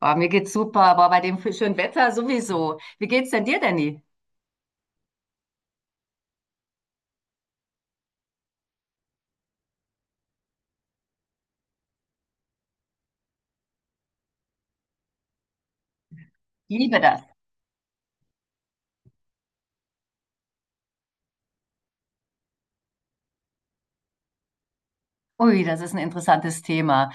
Oh, mir geht's super, aber bei dem schönen Wetter sowieso. Wie geht's denn dir, Danny? Liebe das. Ui, das ist ein interessantes Thema.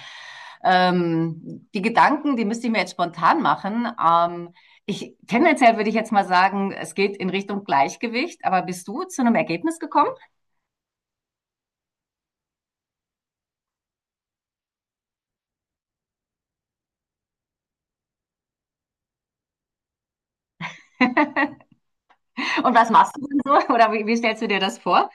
Die Gedanken, die müsste ich mir jetzt spontan machen. Ich, tendenziell würde ich jetzt mal sagen, es geht in Richtung Gleichgewicht, aber bist du zu einem Ergebnis gekommen? Und was machst du denn so? Oder wie stellst du dir das vor?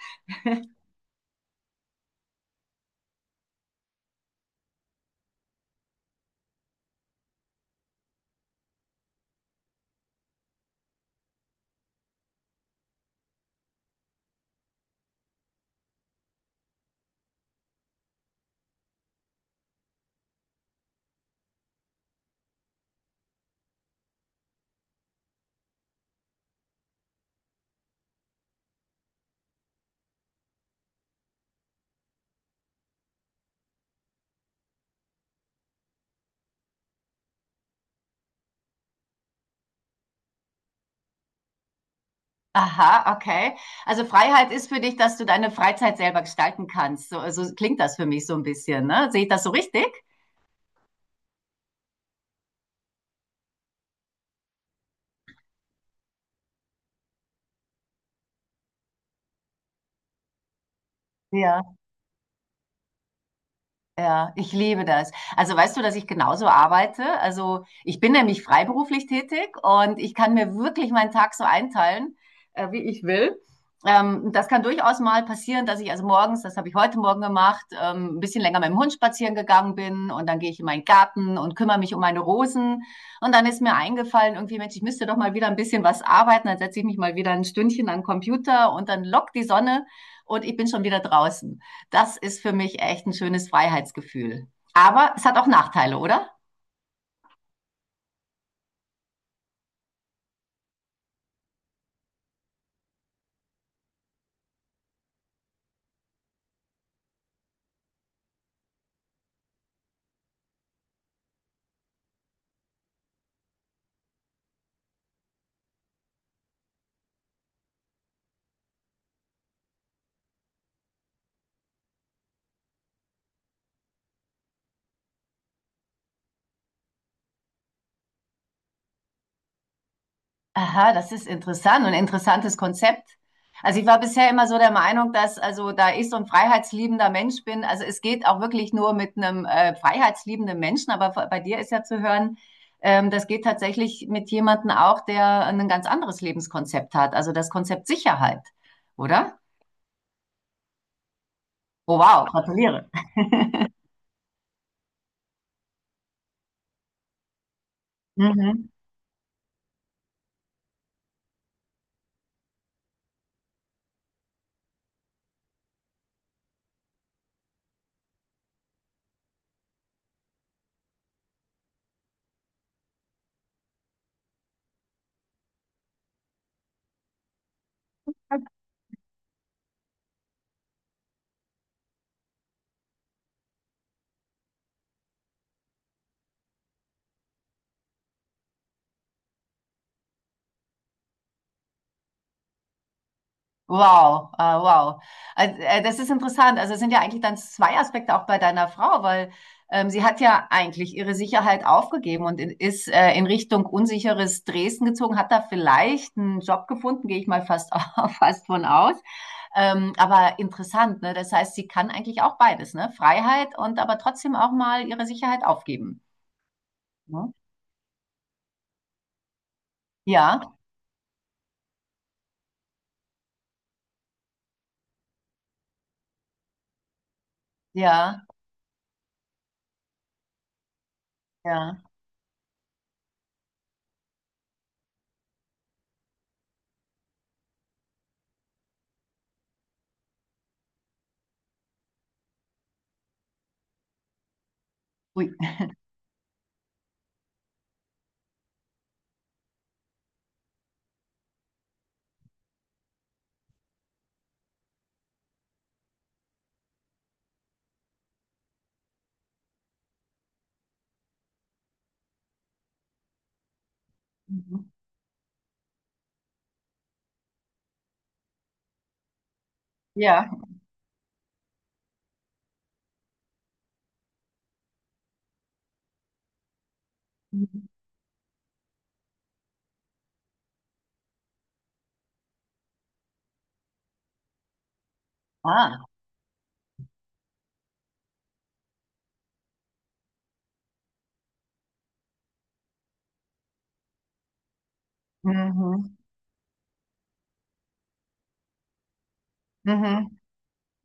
Aha, okay. Also Freiheit ist für dich, dass du deine Freizeit selber gestalten kannst. So, so klingt das für mich so ein bisschen, ne? Sehe ich das so richtig? Ja. Ja, ich liebe das. Also weißt du, dass ich genauso arbeite? Also ich bin nämlich freiberuflich tätig und ich kann mir wirklich meinen Tag so einteilen, wie ich will. Das kann durchaus mal passieren, dass ich also morgens, das habe ich heute Morgen gemacht, ein bisschen länger mit dem Hund spazieren gegangen bin und dann gehe ich in meinen Garten und kümmere mich um meine Rosen. Und dann ist mir eingefallen, irgendwie, Mensch, ich müsste doch mal wieder ein bisschen was arbeiten. Dann setze ich mich mal wieder ein Stündchen an den Computer und dann lockt die Sonne und ich bin schon wieder draußen. Das ist für mich echt ein schönes Freiheitsgefühl. Aber es hat auch Nachteile, oder? Aha, das ist interessant und ein interessantes Konzept. Also ich war bisher immer so der Meinung, dass also da ich so ein freiheitsliebender Mensch bin, also es geht auch wirklich nur mit einem freiheitsliebenden Menschen, aber bei dir ist ja zu hören, das geht tatsächlich mit jemandem auch, der ein ganz anderes Lebenskonzept hat, also das Konzept Sicherheit, oder? Oh wow, gratuliere. Mhm. Wow, wow. Also, das ist interessant. Also es sind ja eigentlich dann zwei Aspekte auch bei deiner Frau, weil sie hat ja eigentlich ihre Sicherheit aufgegeben und ist in Richtung unsicheres Dresden gezogen, hat da vielleicht einen Job gefunden, gehe ich mal fast, fast von aus. Aber interessant, ne? Das heißt, sie kann eigentlich auch beides, ne? Freiheit und aber trotzdem auch mal ihre Sicherheit aufgeben. Ne? Ja, ja, ja. Ui. Mhm. Ja. Mhm. Ah. Mhm. Mhm.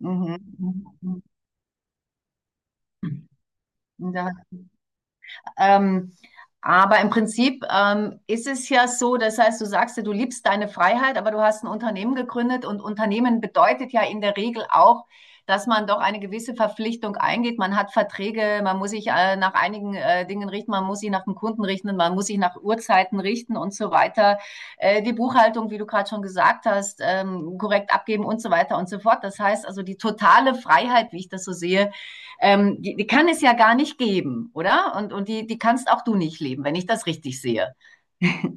Mhm. Mhm. Mhm. Ja, ähm, aber im Prinzip ist es ja so, das heißt, du sagst ja, du liebst deine Freiheit, aber du hast ein Unternehmen gegründet und Unternehmen bedeutet ja in der Regel auch, dass man doch eine gewisse Verpflichtung eingeht. Man hat Verträge, man muss sich nach einigen Dingen richten, man muss sich nach dem Kunden richten, man muss sich nach Uhrzeiten richten und so weiter. Die Buchhaltung, wie du gerade schon gesagt hast, korrekt abgeben und so weiter und so fort. Das heißt also, die totale Freiheit, wie ich das so sehe, die kann es ja gar nicht geben, oder? Und die kannst auch du nicht leben, wenn ich das richtig sehe.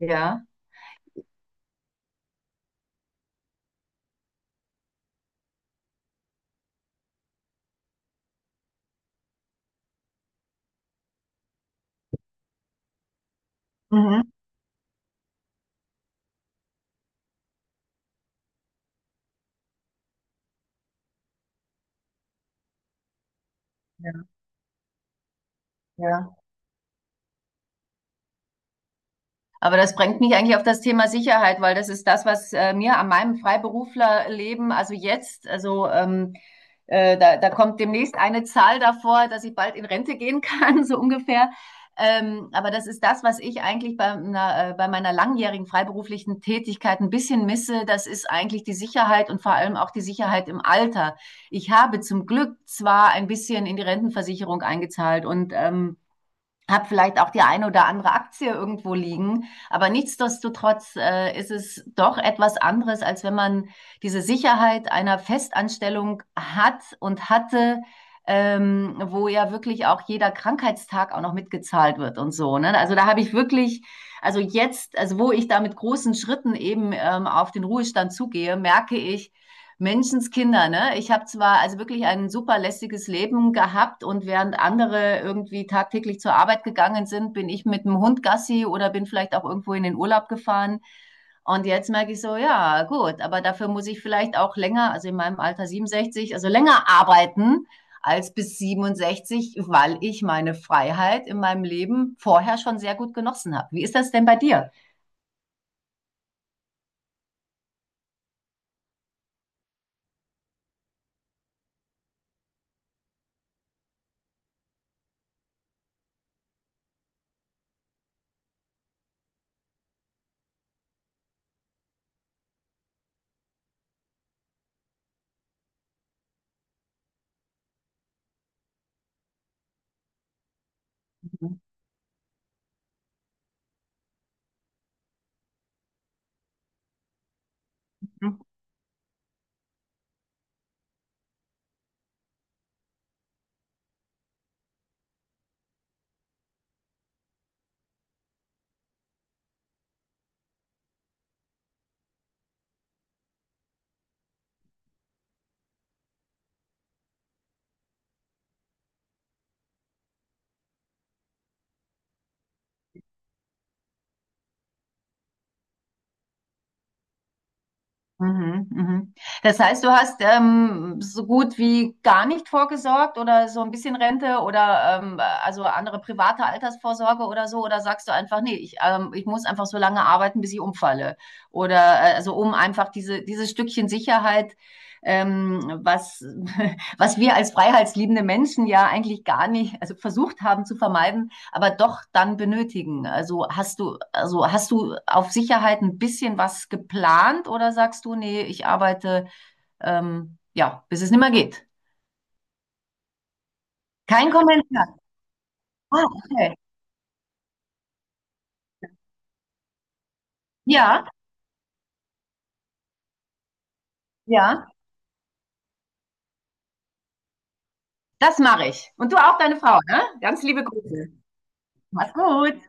Ja. Mhm. Ja, ja. Aber das bringt mich eigentlich auf das Thema Sicherheit, weil das ist das, was mir an meinem Freiberuflerleben, also jetzt, also da kommt demnächst eine Zahl davor, dass ich bald in Rente gehen kann, so ungefähr. Aber das ist das, was ich eigentlich bei meiner langjährigen freiberuflichen Tätigkeit ein bisschen misse. Das ist eigentlich die Sicherheit und vor allem auch die Sicherheit im Alter. Ich habe zum Glück zwar ein bisschen in die Rentenversicherung eingezahlt und habe vielleicht auch die eine oder andere Aktie irgendwo liegen. Aber nichtsdestotrotz ist es doch etwas anderes, als wenn man diese Sicherheit einer Festanstellung hat und hatte, wo ja wirklich auch jeder Krankheitstag auch noch mitgezahlt wird und so. Ne? Also da habe ich wirklich, also jetzt, also wo ich da mit großen Schritten eben auf den Ruhestand zugehe, merke ich, Menschenskinder, ne? Ich habe zwar also wirklich ein super lässiges Leben gehabt und während andere irgendwie tagtäglich zur Arbeit gegangen sind, bin ich mit dem Hund Gassi oder bin vielleicht auch irgendwo in den Urlaub gefahren. Und jetzt merke ich so, ja, gut, aber dafür muss ich vielleicht auch länger, also in meinem Alter 67, also länger arbeiten als bis 67, weil ich meine Freiheit in meinem Leben vorher schon sehr gut genossen habe. Wie ist das denn bei dir? Mhm, mhm. Das heißt, du hast so gut wie gar nicht vorgesorgt oder so ein bisschen Rente oder also andere private Altersvorsorge oder so, oder sagst du einfach, nee, ich muss einfach so lange arbeiten, bis ich umfalle. Oder also um einfach dieses Stückchen Sicherheit, ähm, was, was wir als freiheitsliebende Menschen ja eigentlich gar nicht, also versucht haben zu vermeiden, aber doch dann benötigen. Also hast du auf Sicherheit ein bisschen was geplant oder sagst du, nee, ich arbeite ja, bis es nicht mehr geht? Kein Kommentar. Ah, okay. Ja, ja, das mache ich. Und du auch deine Frau, ne? Ganz liebe Grüße. Mach's gut.